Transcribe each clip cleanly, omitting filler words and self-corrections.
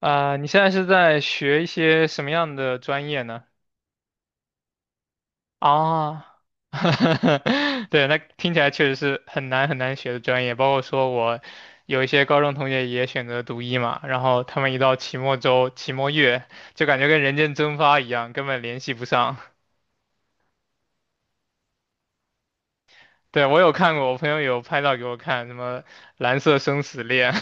啊、你现在是在学一些什么样的专业呢？啊，对，那听起来确实是很难很难学的专业。包括说我有一些高中同学也选择读医嘛，然后他们一到期末周、期末月，就感觉跟人间蒸发一样，根本联系不上。对，我有看过，我朋友有拍照给我看，什么蓝色生死恋，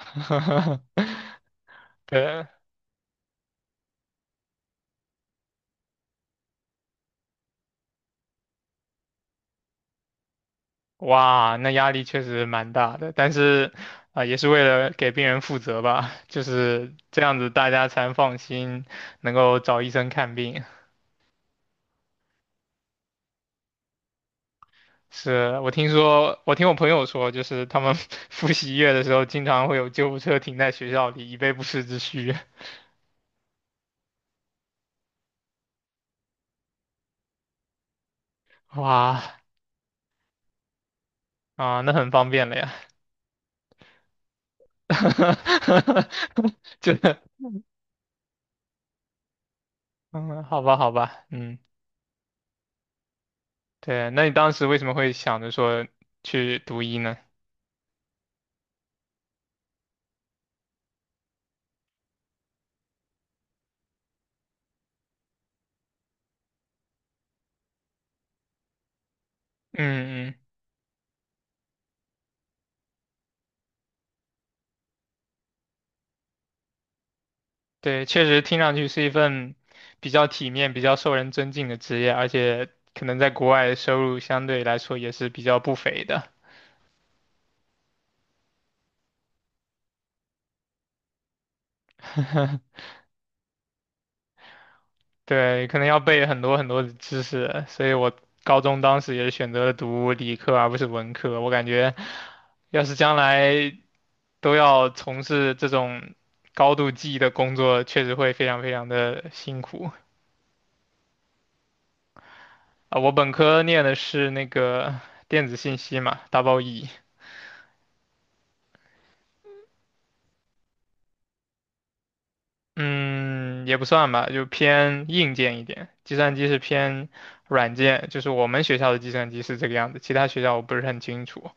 对。哇，那压力确实蛮大的，但是啊、也是为了给病人负责吧，就是这样子，大家才能放心能够找医生看病。是我听说，我听我朋友说，就是他们 复习月的时候，经常会有救护车停在学校里，以备不时之需。哇，啊、那很方便了呀。就，嗯，好吧，好吧，嗯，对，那你当时为什么会想着说去读医呢？嗯嗯对，确实听上去是一份比较体面、比较受人尊敬的职业，而且可能在国外收入相对来说也是比较不菲的。对，可能要背很多很多的知识，所以我高中当时也是选择了读理科而不是文科。我感觉，要是将来都要从事这种高度记忆的工作，确实会非常非常的辛苦啊。我本科念的是那个电子信息嘛，double E。嗯，也不算吧，就偏硬件一点。计算机是偏软件，就是我们学校的计算机是这个样子，其他学校我不是很清楚。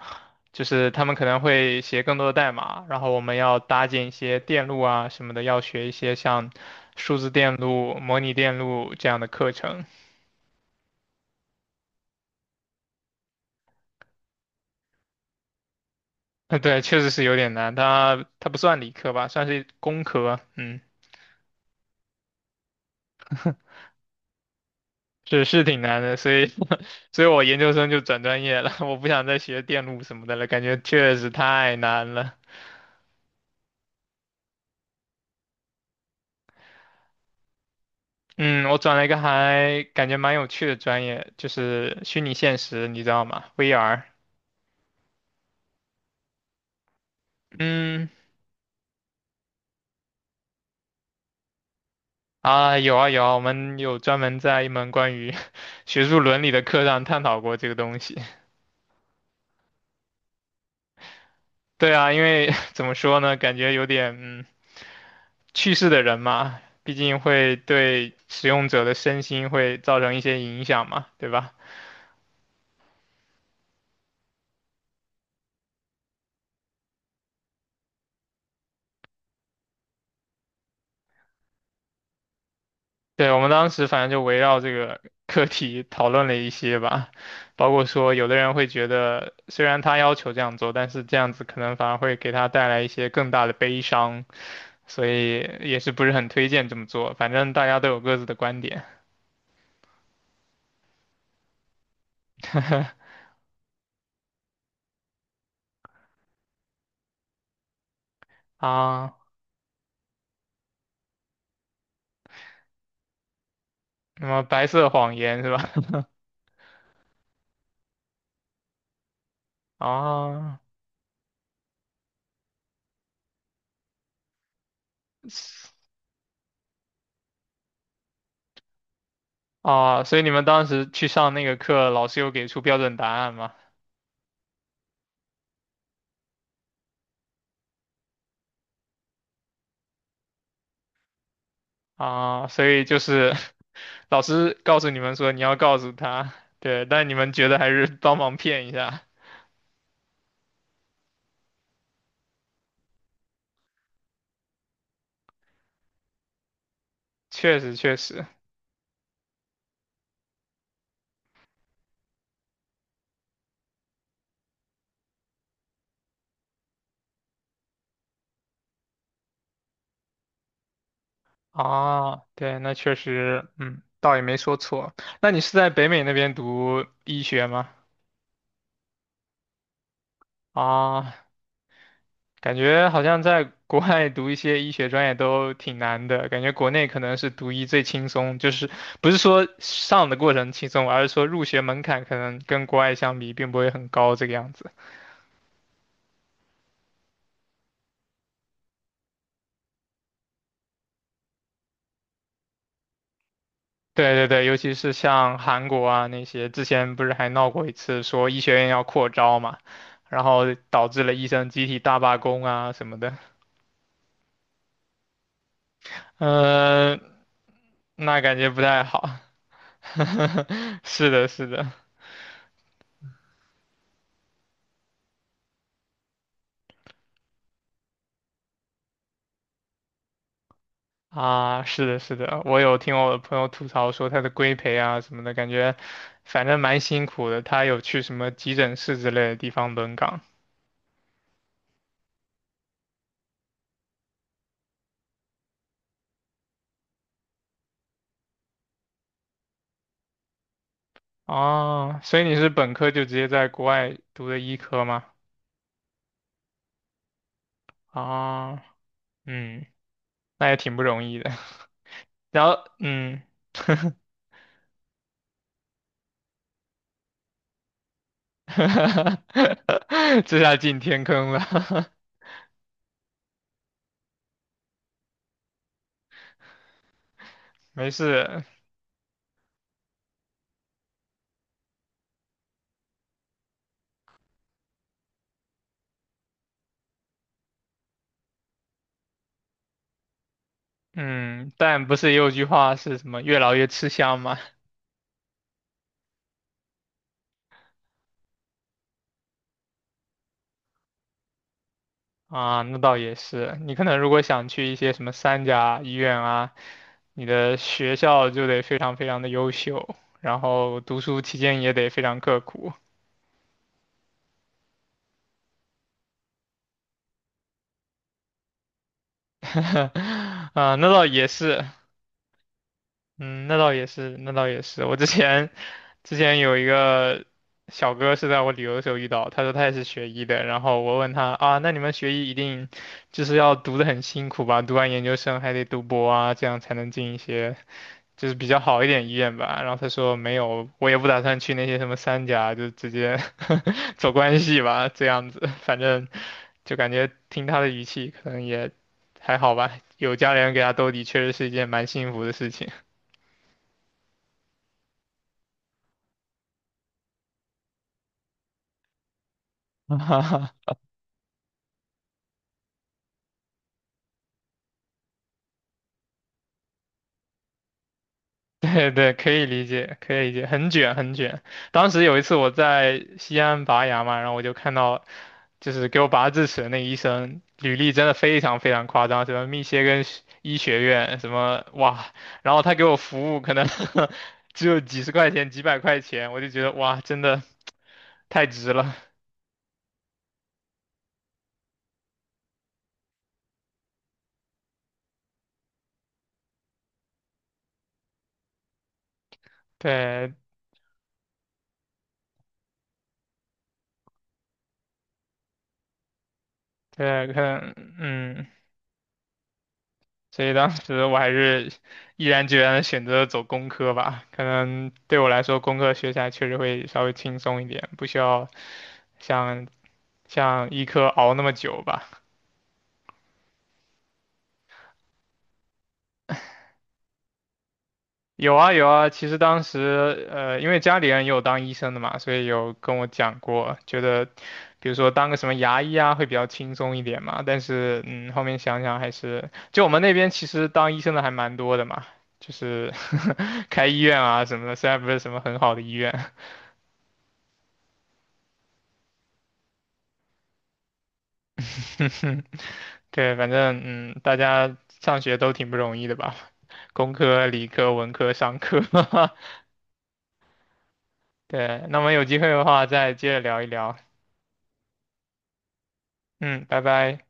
就是他们可能会写更多的代码，然后我们要搭建一些电路啊什么的，要学一些像数字电路、模拟电路这样的课程。对，确实是有点难，它不算理科吧，算是工科。嗯是是挺难的，所以 所以我研究生就转专业了，我不想再学电路什么的了，感觉确实太难了。嗯，我转了一个还感觉蛮有趣的专业，就是虚拟现实，你知道吗？VR。嗯，啊，有啊有啊，我们有专门在一门关于 学术伦理的课上探讨过这个东西。对啊，因为 怎么说呢，感觉有点去世的人嘛，毕竟会对使用者的身心会造成一些影响嘛，对吧？对，我们当时反正就围绕这个课题讨论了一些吧，包括说有的人会觉得，虽然他要求这样做，但是这样子可能反而会给他带来一些更大的悲伤，所以也是不是很推荐这么做。反正大家都有各自的观点 啊，什么白色谎言是吧？啊啊，所以你们当时去上那个课，老师有给出标准答案吗？啊，所以就是老师告诉你们说你要告诉他，对，但你们觉得还是帮忙骗一下，确实确实啊，对，那确实，嗯，倒也没说错。那你是在北美那边读医学吗？啊，感觉好像在国外读一些医学专业都挺难的，感觉国内可能是读医最轻松，就是不是说上的过程轻松，而是说入学门槛可能跟国外相比并不会很高这个样子。对对对，尤其是像韩国啊那些，之前不是还闹过一次说医学院要扩招嘛，然后导致了医生集体大罢工啊什么的，嗯，那感觉不太好。是的，是的，啊，是的，是的，我有听我的朋友吐槽说他的规培啊什么的，感觉反正蛮辛苦的。他有去什么急诊室之类的地方轮岗啊，所以你是本科就直接在国外读的医科吗？啊。嗯，那也挺不容易的。然后，嗯，这下进天坑了，没事。嗯，但不是也有句话是什么“越老越吃香”吗？啊，那倒也是。你可能如果想去一些什么三甲医院啊，你的学校就得非常非常的优秀，然后读书期间也得非常刻苦。啊，那倒也是。嗯，那倒也是，那倒也是。我之前有一个小哥是在我旅游的时候遇到，他说他也是学医的，然后我问他啊，那你们学医一定就是要读的很辛苦吧？读完研究生还得读博啊，这样才能进一些就是比较好一点医院吧？然后他说没有，我也不打算去那些什么三甲，就直接 走关系吧，这样子，反正就感觉听他的语气可能也还好吧，有家里人给他兜底，确实是一件蛮幸福的事情。哈哈，对对，可以理解，可以理解，很卷很卷。当时有一次我在西安拔牙嘛，然后我就看到，就是给我拔智齿的那医生，履历真的非常非常夸张，什么密歇根学医学院，什么哇，然后他给我服务可能 只有几十块钱、几百块钱，我就觉得哇，真的太值了。对对，可能嗯。所以当时我还是毅然决然的选择走工科吧，可能对我来说工科学起来确实会稍微轻松一点，不需要像医科熬那么久吧。有啊有啊，其实当时因为家里人也有当医生的嘛，所以有跟我讲过，觉得比如说当个什么牙医啊会比较轻松一点嘛。但是嗯，后面想想还是，就我们那边其实当医生的还蛮多的嘛，就是 开医院啊什么的，虽然不是什么很好的医院，对，反正嗯，大家上学都挺不容易的吧，工科、理科、文科、商科，对。那我们有机会的话再接着聊一聊，嗯，拜拜。